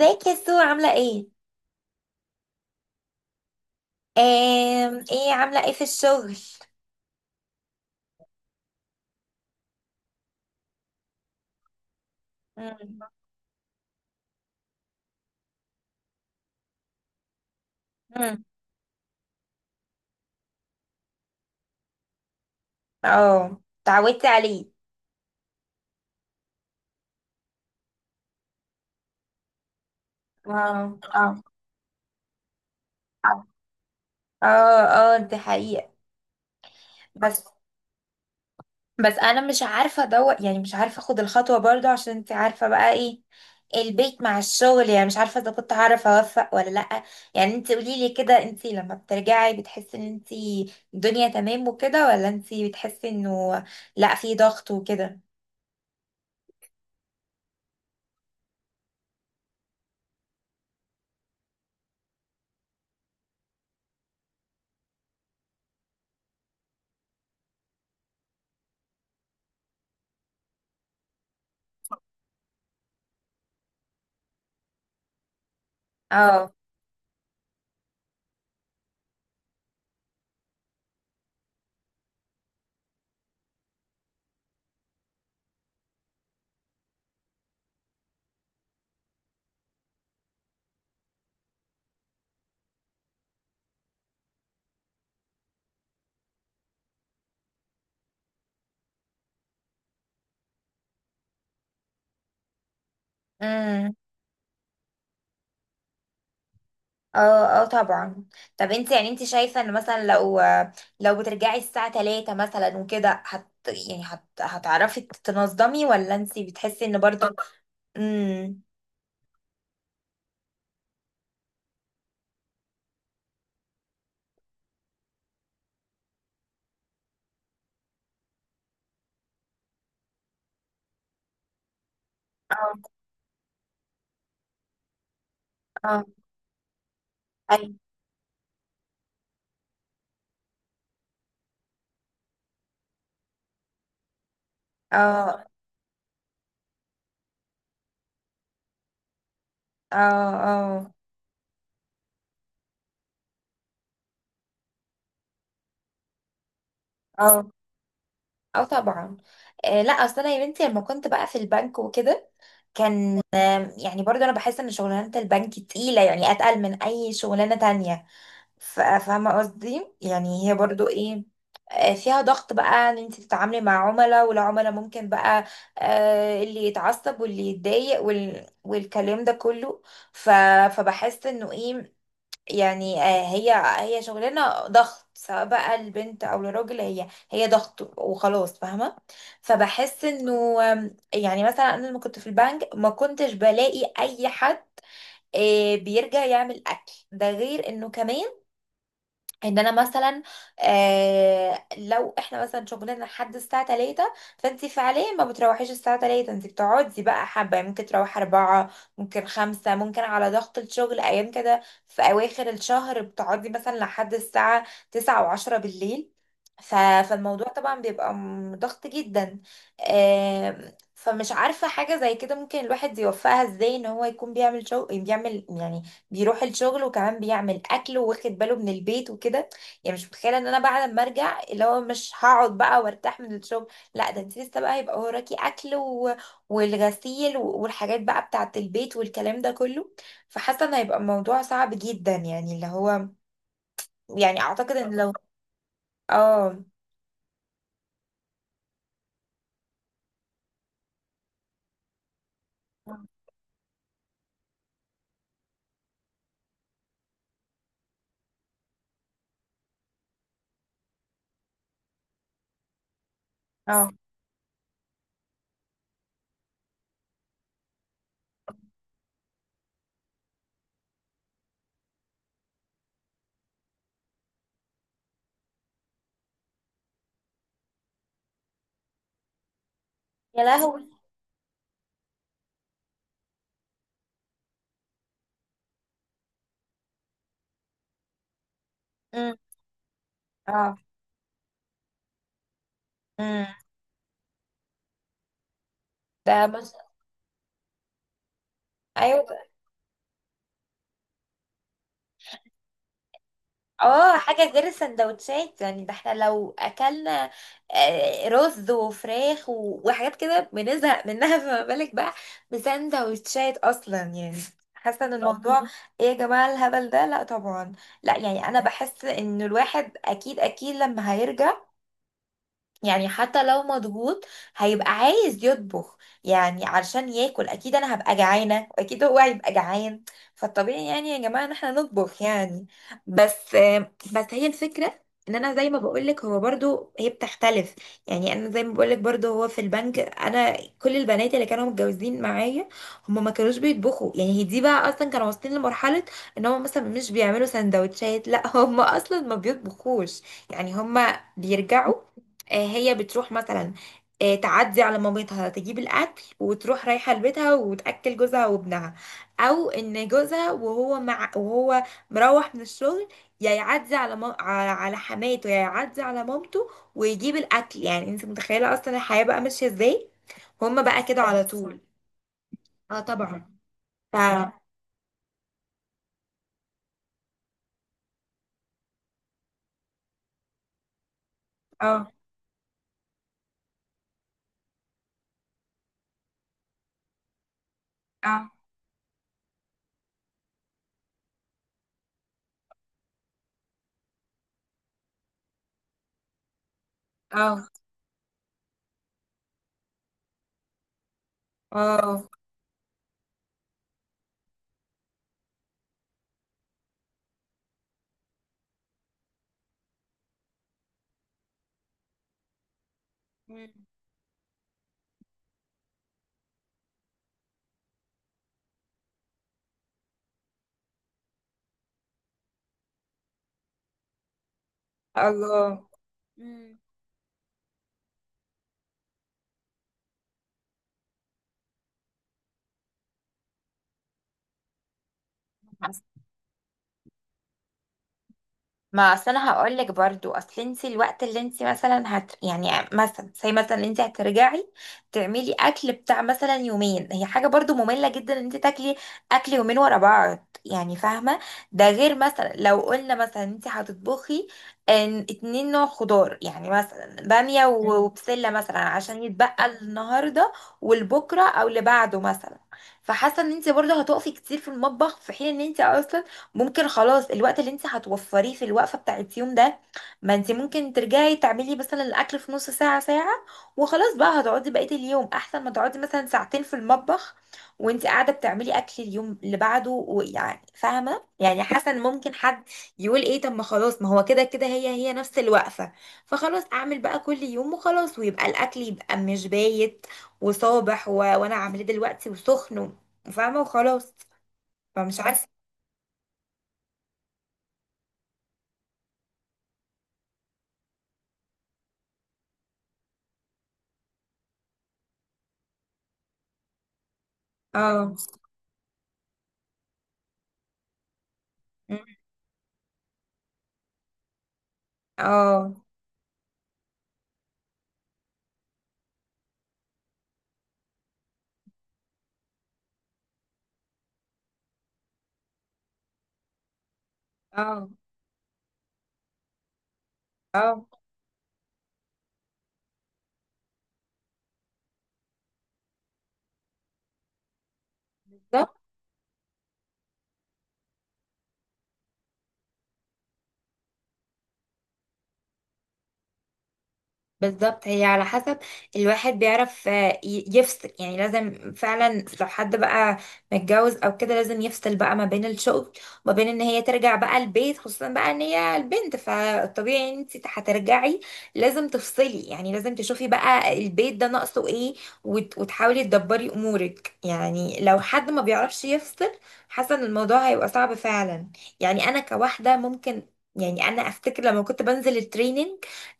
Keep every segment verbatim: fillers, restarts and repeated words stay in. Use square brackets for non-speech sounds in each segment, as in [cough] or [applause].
ازيك يا سو عاملة ايه؟ آم، ايه عاملة ايه في الشغل؟ مم، مم. اه، اتعودتي عليه. اه، اه. اه، اه، دي حقيقة. بس بس انا مش عارفة ادور، يعني مش عارفة اخد الخطوة برضو عشان انت عارفة بقى ايه، البيت مع الشغل. يعني مش عارفة اذا كنت هعرف اوفق ولا لأ. يعني انت قوليلي كده، انت لما بترجعي بتحسي ان انت الدنيا تمام وكده، ولا انت بتحسي انه لأ، في ضغط وكده؟ اه، اه، اه، طبعا. طب انت يعني انت شايفة ان مثلا لو لو بترجعي الساعة ثلاثة مثلا وكده، هت يعني هت هتعرفي تنظمي ولا انت بتحسي ان برضو؟ امم. اه، اه، اي، اه، اه، اه، اه، اه، طبعا. آه، لا اصل انا يا بنتي لما كنت بقى في البنك وكده كان آم، يعني برضو انا بحس ان شغلانة البنك تقيلة، يعني اتقل من اي شغلانة تانية. ف- فاهمة قصدي؟ يعني هي برضو ايه، آه، فيها ضغط بقى، ان انت تتعاملي مع عملاء، والعملاء ممكن بقى آه، اللي يتعصب واللي يتضايق وال... والكلام ده كله. ف... فبحس انه ايه، يعني آه، هي هي شغلانه ضغط، سواء بقى البنت او الراجل، هي هي ضغط وخلاص، فاهمه. فبحس انه آم، يعني مثلا انا لما كنت في البنك ما كنتش بلاقي اي حد آه، بيرجع يعمل اكل، ده غير انه كمان ان انا مثلا، آه لو احنا مثلا شغلنا لحد الساعه ثلاثة فانت فعليا ما بتروحيش الساعه ثلاثة، انت بتقعدي بقى حبه، يعني ممكن تروحي اربعة، ممكن خمسة، ممكن على ضغط الشغل ايام كده في اواخر الشهر بتقعدي مثلا لحد الساعه تسعة و10 بالليل. ف... فالموضوع طبعا بيبقى م- ضغط جدا. آه، فمش عارفه حاجه زي كده ممكن الواحد يوفقها ازاي، ان هو يكون بيعمل شغل، بيعمل يعني بيروح الشغل، وكمان بيعمل اكل واخد باله من البيت وكده. يعني مش متخيله ان انا بعد ما ارجع اللي هو مش هقعد بقى وارتاح من الشغل، لا ده انت لسه بقى هيبقى وراكي اكل و... والغسيل و... والحاجات بقى بتاعه البيت والكلام ده كله. فحاسه ان هيبقى الموضوع صعب جدا، يعني اللي هو يعني اعتقد ان لو. اه. اه، يا لهوي. امم. اه. امم. ده مش... ايوه. اه، حاجة غير السندوتشات. يعني ده احنا لو اكلنا آه، رز وفراخ و- وحاجات كده بنزهق منها [laughs] فما بالك بقى بسندوتشات اصلا، يعني حاسة ان الموضوع أوكي. ايه يا جماعة الهبل ده؟ لا طبعا. لا يعني انا بحس ان الواحد اكيد اكيد لما هيرجع، يعني حتى لو مضغوط هيبقى عايز يطبخ، يعني علشان ياكل. اكيد انا هبقى جعانه واكيد هو هيبقى جعان، فالطبيعي يعني يا جماعه ان احنا نطبخ، يعني. بس بس هي الفكره، ان انا زي ما بقولك هو برضو هي بتختلف. يعني انا زي ما بقولك برضو، هو في البنك انا كل البنات اللي كانوا متجوزين معايا هم ما كانوش بيطبخوا. يعني هي دي بقى اصلا كانوا واصلين لمرحله ان هم مثلا مش بيعملوا سندوتشات، لا هم اصلا ما بيطبخوش، يعني هم بيرجعوا. آه، هي بتروح مثلا آه، تعدي على مامتها تجيب الاكل وتروح رايحه لبيتها وتاكل جوزها وابنها، او ان جوزها وهو مع وهو مروح من الشغل، يا يعدي على مام... على على حماته، يا يعدي على مامته ويجيب الاكل. يعني انت متخيله اصلا الحياه بقى ماشيه ازاي، هما بقى كده على طول. اه، طبعا. ف اه، اه، اه، اه. مم. الله. مم. ما اصل انا هقول لك برضو، اصل انت الوقت اللي انت مثلا هت يعني مثلا زي مثلا انت هترجعي تعملي اكل بتاع مثلا يومين، هي حاجه برضو ممله جدا، ان انت تاكلي اكل يومين ورا بعض، يعني فاهمه. ده غير مثلا لو قلنا مثلا انت هتطبخي ان- اتنين نوع خضار، يعني مثلا باميه و- مم. وبسله مثلا، عشان يتبقى النهارده والبكره او اللي بعده مثلا. فحاسه ان انت برضو هتقفي كتير في المطبخ، في حين ان انت اصلا ممكن خلاص. الوقت اللي انت هتوفريه في الوقفه بتاعت يوم ده، ما انت ممكن ترجعي تعملي مثلا الاكل في نص ساعه ساعه وخلاص بقى، هتقعدي بقيه اليوم، احسن ما تقعدي مثلا ساعتين في المطبخ وانت قاعده بتعملي اكل اليوم اللي بعده. ويعني فاهمه؟ يعني حسن ممكن حد يقول ايه، طب ما خلاص ما هو كده كده هي هي نفس الوقفه، فخلاص اعمل بقى كل يوم وخلاص، ويبقى الاكل يبقى مش بايت وصابح و... وانا عاملاه دلوقتي وسخن و- فاهمه وخلاص. فمش عارفه. اه، اه، اه، اه. بالظبط. بالظبط هي على حسب. الواحد بيعرف آه، ي- يفصل. يعني لازم فعلا لو حد بقى متجوز او كده لازم يفصل بقى ما بين الشغل وما بين ان هي ترجع بقى البيت، خصوصا بقى ان هي البنت، فالطبيعي ان انت هترجعي لازم تفصلي. يعني لازم تشوفي بقى البيت ده ناقصه ايه، وت- وتحاولي تدبري امورك. يعني لو حد ما بيعرفش يفصل، حاسه ان الموضوع هيبقى صعب فعلا. يعني انا كواحده ممكن، يعني انا افتكر لما كنت بنزل التريننج،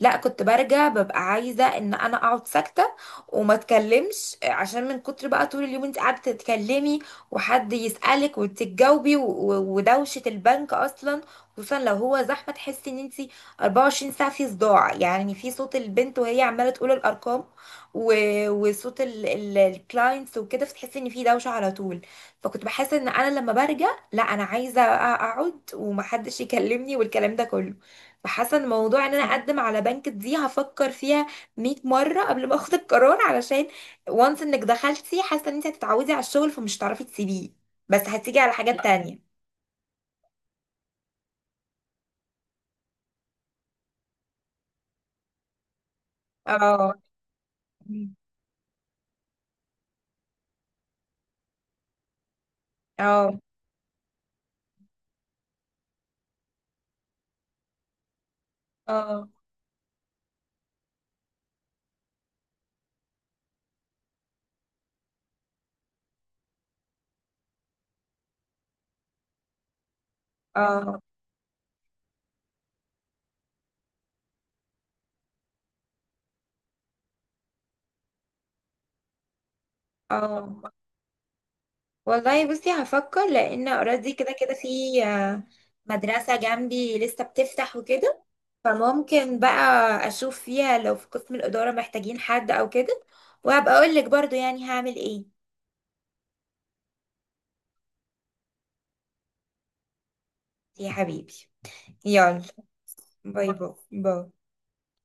لا كنت برجع ببقى عايزة ان انا اقعد ساكتة وما اتكلمش، عشان من كتر بقى طول اليوم انت قاعدة تتكلمي وحد يسألك وتتجاوبي، و- و- ودوشة البنك اصلا، خصوصا لو هو زحمة، تحسي ان انت اربعة وعشرين ساعة في صداع، يعني في صوت البنت وهي عمالة تقول الارقام و- وصوت الكلاينتس وكده، فتحسي ان في دوشة على طول. فكنت بحس ان انا لما برجع، لا انا عايزة أ- اقعد ومحدش يكلمني والكلام ده كله. فحاسه ان موضوع ان انا اقدم على بنك دي هفكر فيها مئة مره قبل ما اخد القرار، علشان وانس انك دخلتي حاسه ان انت هتتعودي على الشغل فمش هتعرفي تسيبيه، بس هتيجي على حاجات لا تانية. اه، اه، اه، اه. اه والله، بصي هفكر لان اوريدي كده كده في آه، مدرسه جنبي لسه بتفتح وكده، فممكن بقى اشوف فيها لو في قسم الاداره محتاجين حد او كده، وهبقى اقول لك برضو يعني هعمل ايه. يا حبيبي. يلا. باي، باي. باي.